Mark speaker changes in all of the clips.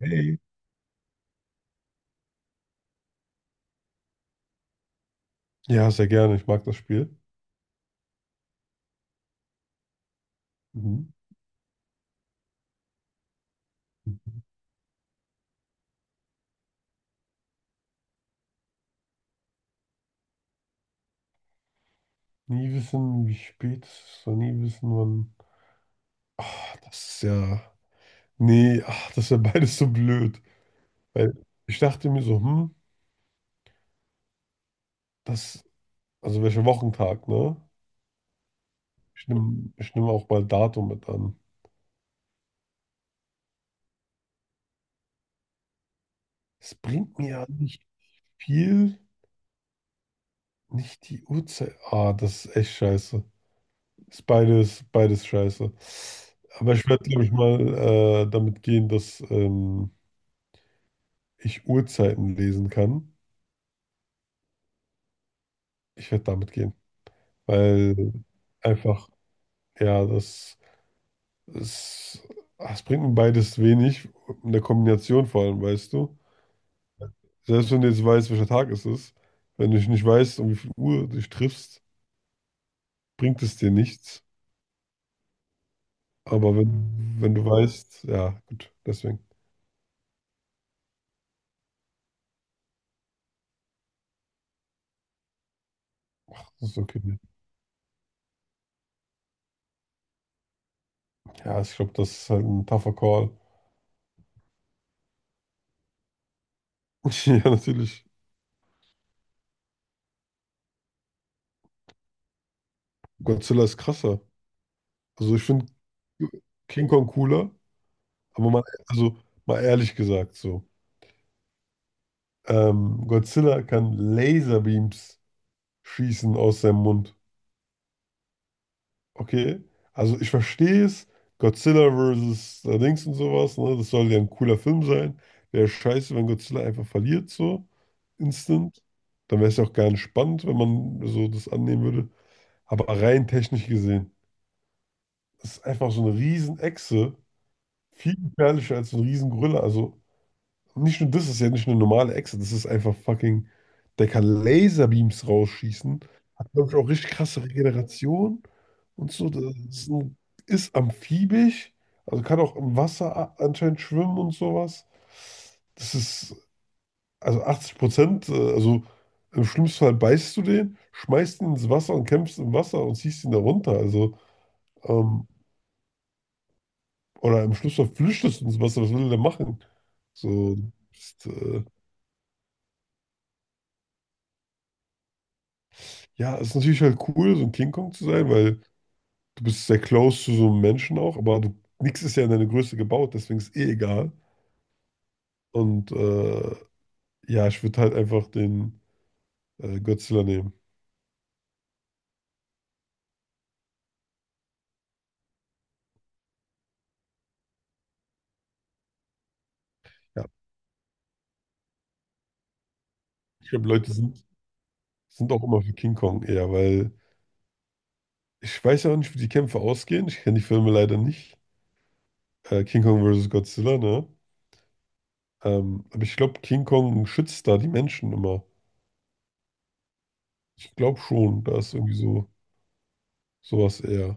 Speaker 1: Ey. Ja, sehr gerne. Ich mag das Spiel. Mhm. Mhm. Nie wissen, wie spät es ist, und nie wissen, wann. Ach, das ist ja. Nee, ach, das ist ja beides so blöd. Weil ich dachte mir so, das. Also welcher Wochentag, ne? Ich nehm auch mal Datum mit an. Es bringt mir ja nicht viel, nicht die Uhrzeit. Ah, das ist echt scheiße. Ist beides, beides scheiße. Aber ich werde, glaube ich, mal damit gehen, dass. Ich Uhrzeiten lesen kann, ich werde damit gehen. Weil einfach, ja, das, das bringt mir beides wenig. In der Kombination vor allem, weißt du. Selbst wenn du jetzt weißt, welcher Tag es ist, wenn du dich nicht weißt, um wie viel Uhr du dich triffst, bringt es dir nichts. Aber wenn du weißt, ja, gut, deswegen. Das ist okay. Ja, ich glaube, das ist halt ein tougher Call. Ja, natürlich. Godzilla ist krasser. Also ich finde King Kong cooler. Aber mal, also mal ehrlich gesagt so. Godzilla kann Laserbeams schießen aus seinem Mund. Okay? Also ich verstehe es. Godzilla versus Dings und sowas, ne? Das soll ja ein cooler Film sein. Wäre scheiße, wenn Godzilla einfach verliert, so instant. Dann wäre es ja auch gar nicht spannend, wenn man so das annehmen würde. Aber rein technisch gesehen, das ist einfach so eine Riesenechse. Viel gefährlicher als so ein Riesengorilla. Also, nicht nur das, ist ja nicht eine normale Echse, das ist einfach fucking. Der kann Laserbeams rausschießen. Hat, glaube ich, auch richtig krasse Regeneration und so. Das ist, ein, ist amphibisch, also kann auch im Wasser anscheinend schwimmen und sowas. Das ist, also 80%, also im schlimmsten Fall beißt du den, schmeißt ihn ins Wasser und kämpfst im Wasser und ziehst ihn da runter. Also, ähm, oder im schlimmsten Fall flüchtest du ins Wasser, was will der machen? So, ist, äh, ja, es ist natürlich halt cool, so ein King Kong zu sein, weil du bist sehr close zu so einem Menschen auch, aber du, nichts ist ja in deine Größe gebaut, deswegen ist eh egal. Und ja, ich würde halt einfach den Godzilla nehmen. Ja, ich glaube, Leute sind auch immer für King Kong eher, weil ich weiß ja auch nicht, wie die Kämpfe ausgehen. Ich kenne die Filme leider nicht. King Kong vs. Godzilla, ne? Aber ich glaube, King Kong schützt da die Menschen immer. Ich glaube schon, da ist irgendwie so sowas eher.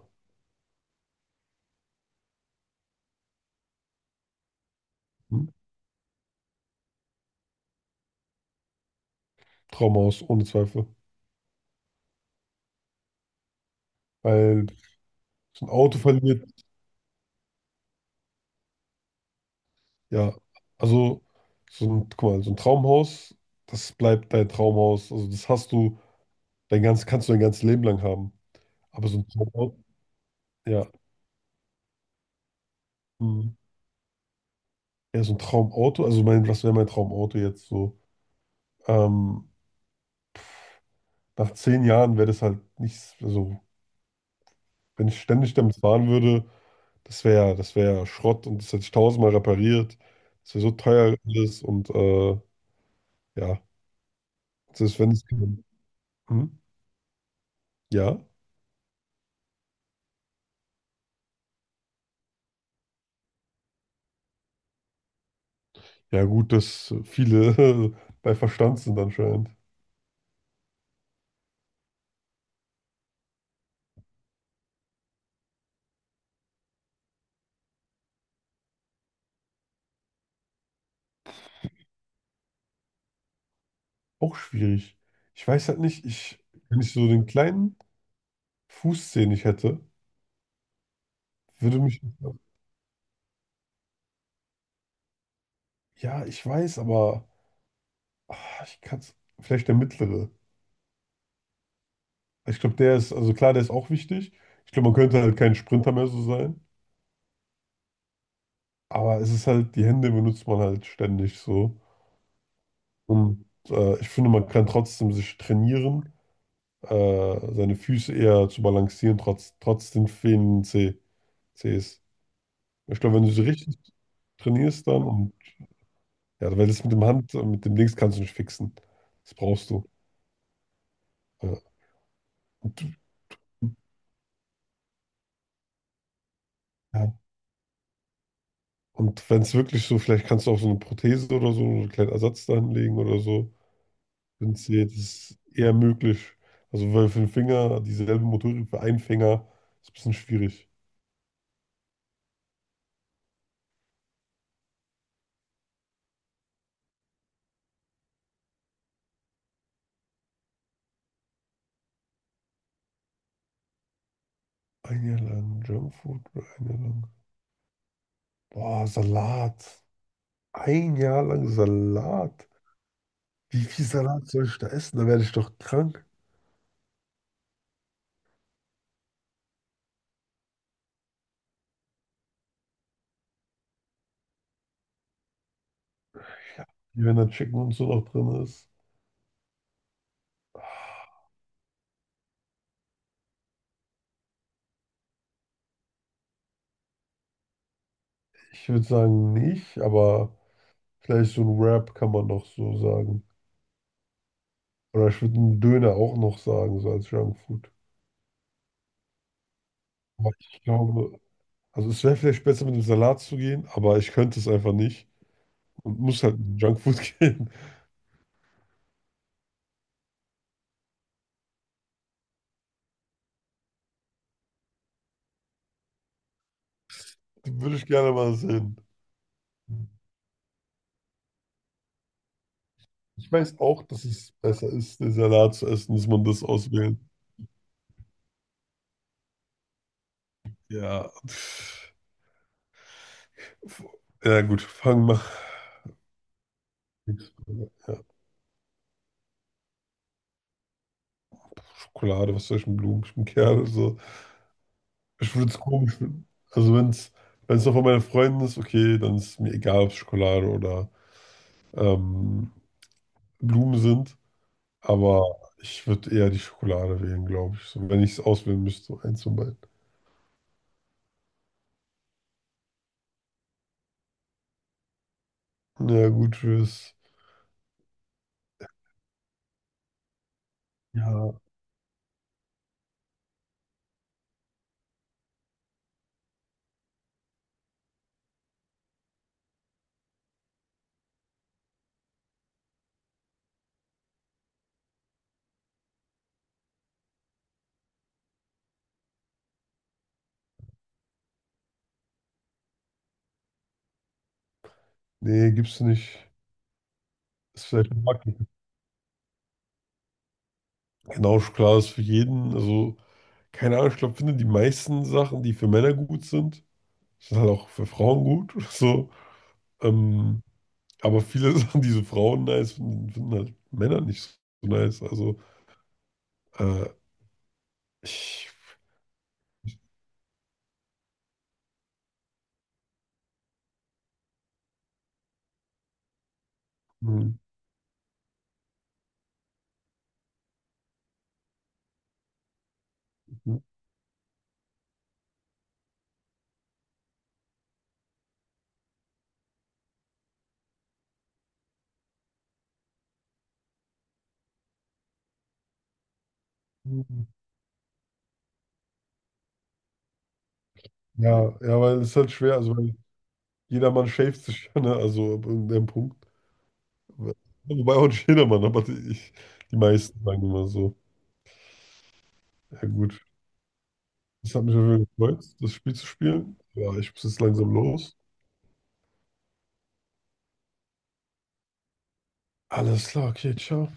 Speaker 1: Hm? Trauma aus, ohne Zweifel. Weil so ein Auto verliert, ja. Also, so ein, guck mal, so ein Traumhaus, das bleibt dein Traumhaus. Also, das hast du, dein ganz, kannst du dein ganzes Leben lang haben. Aber so ein Traumauto, ja. Mhm. Ja, so ein Traumauto, also mein, was wäre mein Traumauto jetzt so? Ähm, nach 10 Jahren wäre das halt nichts, also, wenn ich ständig damit fahren würde, das wäre ja Schrott und das hätte ich tausendmal repariert. Das wäre so teuer alles und ja, das ist, wenn es. Mhm. Ja. Ja, gut, dass viele bei Verstand sind anscheinend. Auch schwierig. Ich weiß halt nicht, ich, wenn ich so den kleinen Fuß, den ich hätte, würde mich. Ja, ich weiß, aber ah, ich kann es. Vielleicht der mittlere. Ich glaube, der ist, also klar, der ist auch wichtig. Ich glaube, man könnte halt kein Sprinter mehr so sein. Aber es ist halt, die Hände benutzt man halt ständig so. Und ich finde, man kann trotzdem sich trainieren, seine Füße eher zu balancieren, trotz den fehlenden C Cs. Ich glaube, wenn du sie richtig trainierst dann und ja, weil das mit dem Hand, mit dem Dings kannst du nicht fixen. Das brauchst du. Ja. Ja. Und wenn es wirklich so, vielleicht kannst du auch so eine Prothese oder so, so einen kleinen Ersatz da hinlegen oder so. Wenn es dir- ist eher möglich. Also weil für den Finger dieselbe Motorik für einen Finger ist ein bisschen schwierig. Ein Jahr lang Junkfood oder ein Jahr lang. Boah, Salat. Ein Jahr lang Salat. Wie viel Salat soll ich da essen? Da werde ich doch krank. Wie wenn da Chicken und so noch drin ist. Ich würde sagen nicht, aber vielleicht so ein Wrap kann man noch so sagen. Oder ich würde einen Döner auch noch sagen, so als Junkfood. Aber ich glaube, also es wäre vielleicht besser mit dem Salat zu gehen, aber ich könnte es einfach nicht und muss halt mit Junkfood gehen. Da würde ich gerne mal sehen. Ich weiß auch, dass es besser ist, den Salat zu essen, dass man das auswählt. Ja. Ja, gut, fangen wir. Ja, Schokolade, was soll ich mit Blumen? Ich bin Kerl, so. Ich würde es komisch finden. Also wenn es noch von meinen Freunden ist, okay, dann ist mir egal, ob es Schokolade oder ähm, Blumen sind. Aber ich würde eher die Schokolade wählen, glaube ich. So, wenn ich es auswählen müsste, so eins von beiden. Ja, gut, fürs. Ja, nee, gibt's nicht. Ist vielleicht ein Markt. Genau, Schokolade ist für jeden. Also, keine Ahnung, ich glaube, finde die meisten Sachen, die für Männer gut sind, sind halt auch für Frauen gut. So. ähm, Aber viele Sachen, die so Frauen nice finden, finden halt Männer nicht so nice. Also, äh, ich. Hm, hm, hm. Ja, ja, weil es ist halt schwer. Also, weil jedermann schäft sich ja, ne? Also, ab irgendeinem Punkt. Wobei auch nicht jedermann, aber die, ich, die meisten sagen immer so. Ja, gut. Das hat mich auf jeden Fall gefreut, das Spiel zu spielen. Ja, ich muss jetzt langsam los. Alles klar, okay, ciao.